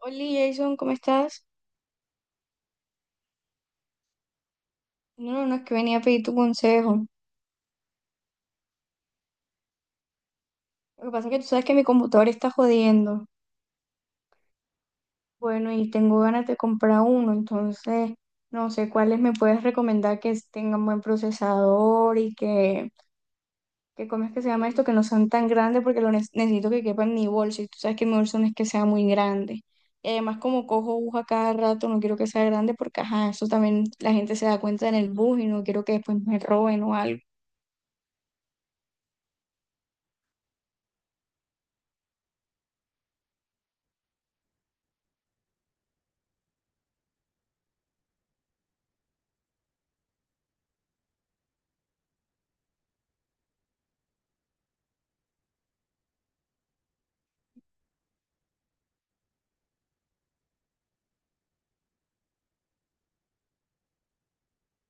Hola Jason, ¿cómo estás? No, no, no, es que venía a pedir tu consejo. Lo que pasa es que tú sabes que mi computador está jodiendo. Bueno, y tengo ganas de comprar uno, entonces no sé cuáles me puedes recomendar que tengan buen procesador y que ¿cómo es que se llama esto? Que no sean tan grandes porque lo necesito que quepa en mi bolso. Y tú sabes que mi bolso no es que sea muy grande. Y además como cojo bus a cada rato, no quiero que sea grande porque, ajá, eso también la gente se da cuenta en el bus y no quiero que después me roben o algo.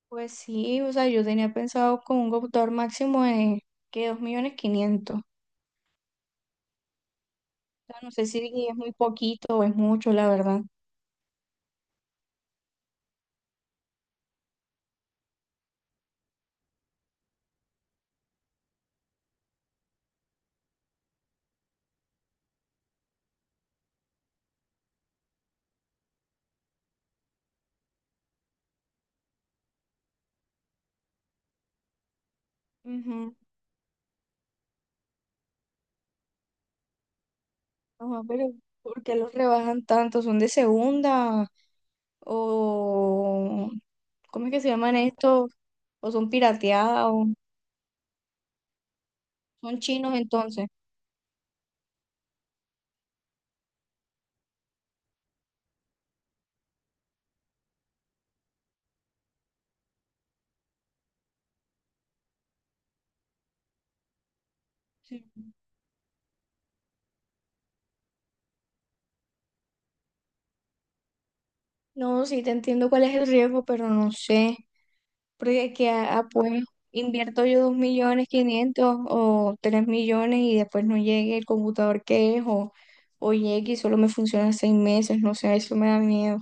Pues sí, o sea, yo tenía pensado con un computador máximo de que 2.500.000. O sea, no sé si es muy poquito o es mucho, la verdad. Ujú. Ajá, pero ¿por qué los rebajan tanto? ¿Son de segunda? ¿O cómo es que se llaman estos? ¿O son pirateados? ¿Son chinos entonces? Sí. No, sí te entiendo cuál es el riesgo, pero no sé. Porque que, ah, pues invierto yo 2.500.000 o tres millones y después no llegue el computador que es o llegue y solo me funciona 6 meses, no sé, eso me da miedo.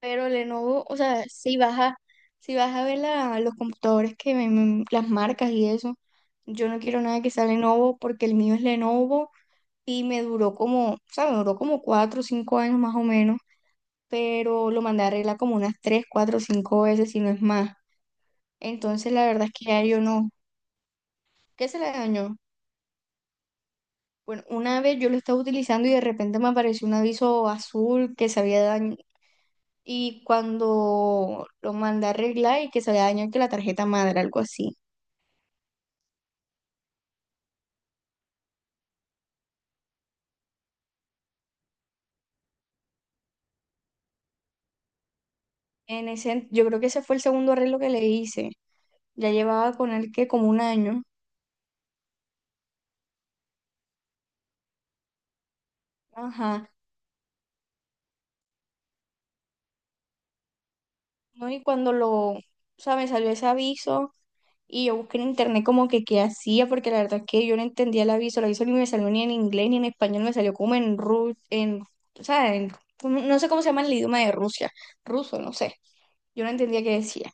Pero Lenovo, o sea, si vas a ver los computadores que ven, las marcas y eso, yo no quiero nada que sea Lenovo porque el mío es Lenovo y me duró como, o sea, me duró como 4 o 5 años más o menos, pero lo mandé a arreglar como unas 3, 4, 5 veces, si no es más. Entonces, la verdad es que ya yo no. ¿Qué se le dañó? Bueno, una vez yo lo estaba utilizando y de repente me apareció un aviso azul que se había dañado. Y cuando lo mandé a arreglar y que se había dañado que la tarjeta madre, algo así. En ese, yo creo que ese fue el segundo arreglo que le hice. Ya llevaba con él que como un año. Ajá. No, y cuando lo, o sea, me salió ese aviso. Y yo busqué en internet como que qué hacía, porque la verdad es que yo no entendía el aviso ni me salió ni en inglés ni en español, me salió como en ruso, en, o sea, no sé cómo se llama el idioma de Rusia, ruso, no sé, yo no entendía qué decía.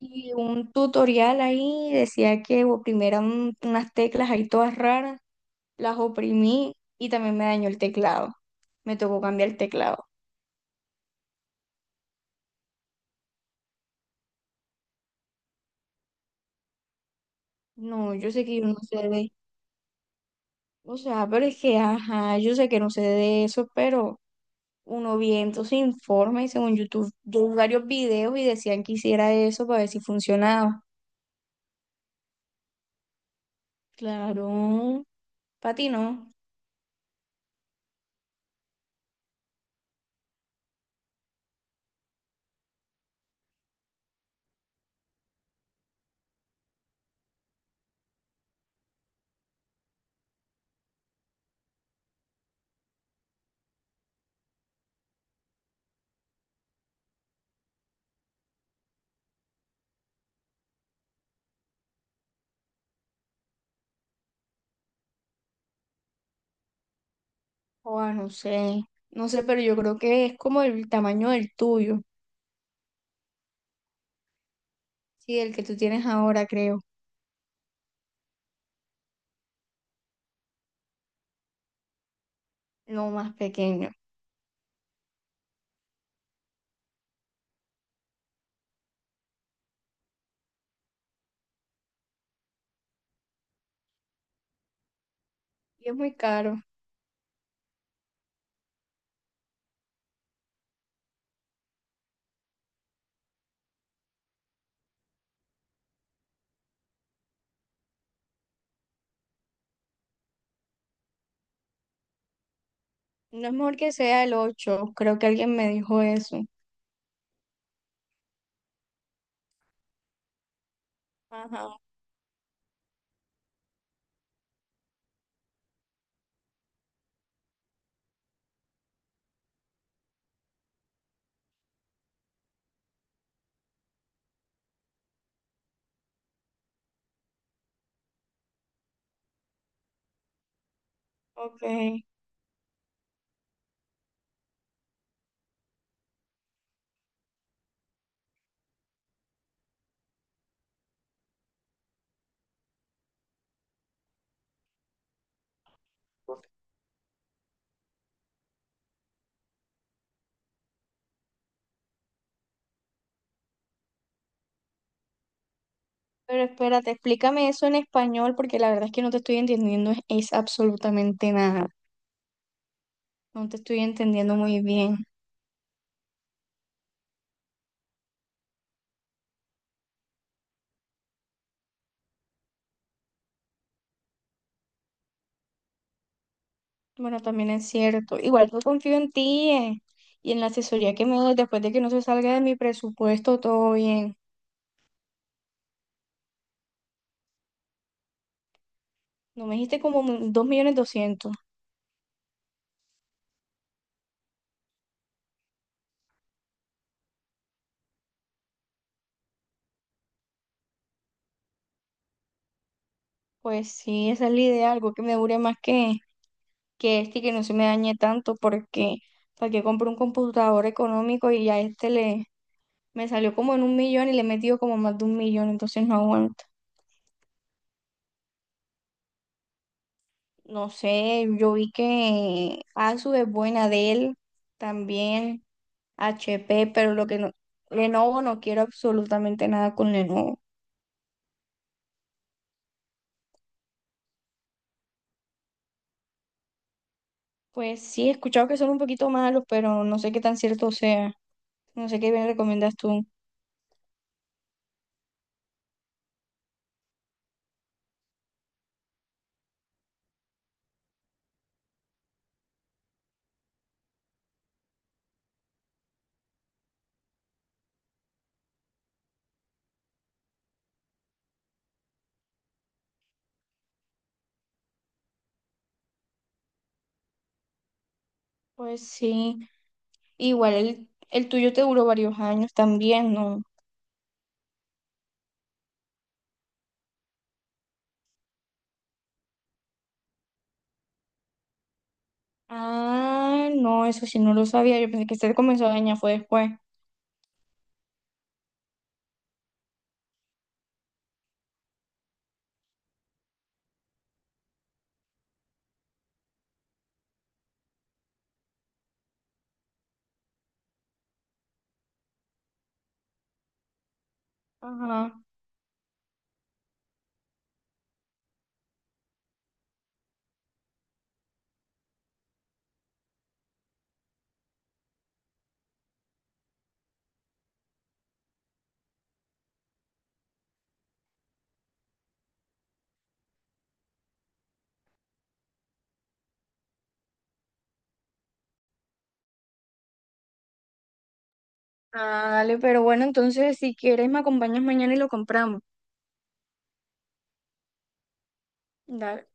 Y un tutorial ahí decía que oprimiera eran unas teclas ahí todas raras, las oprimí y también me dañó el teclado, me tocó cambiar el teclado. No, yo sé que yo no sé de, o sea, pero es que, ajá, yo sé que no sé de eso, pero uno viendo se informa y según YouTube, yo vi varios videos y decían que hiciera eso para ver si funcionaba. Claro, para ti no. O no sé, no sé, pero yo creo que es como el tamaño del tuyo, sí, el que tú tienes ahora, creo, no más pequeño. Y es muy caro. No es mejor que sea el 8 creo que alguien me dijo eso. Ajá, ok. Pero espérate, explícame eso en español porque la verdad es que no te estoy entendiendo es absolutamente nada. No te estoy entendiendo muy bien. Bueno, también es cierto. Igual yo confío en ti, y en la asesoría que me des después de que no se salga de mi presupuesto, todo bien. No me dijiste como 2.200.000. Pues sí, esa es la idea, algo que me dure más que este y que no se me dañe tanto, porque para que compro un computador económico y ya este le me salió como en un millón y le he metido como más de un millón, entonces no aguanto. No sé, yo vi que ASUS es buena de él también. HP, pero lo que no, Lenovo no quiero absolutamente nada con Lenovo. Pues sí, he escuchado que son un poquito malos, pero no sé qué tan cierto sea. No sé qué me recomiendas tú. Pues sí, igual el tuyo te duró varios años también, ¿no? Ah, no, eso sí no lo sabía. Yo pensé que se comenzó a dañar fue después. Ajá. Ah, dale, pero bueno, entonces si quieres me acompañas mañana y lo compramos. Dale.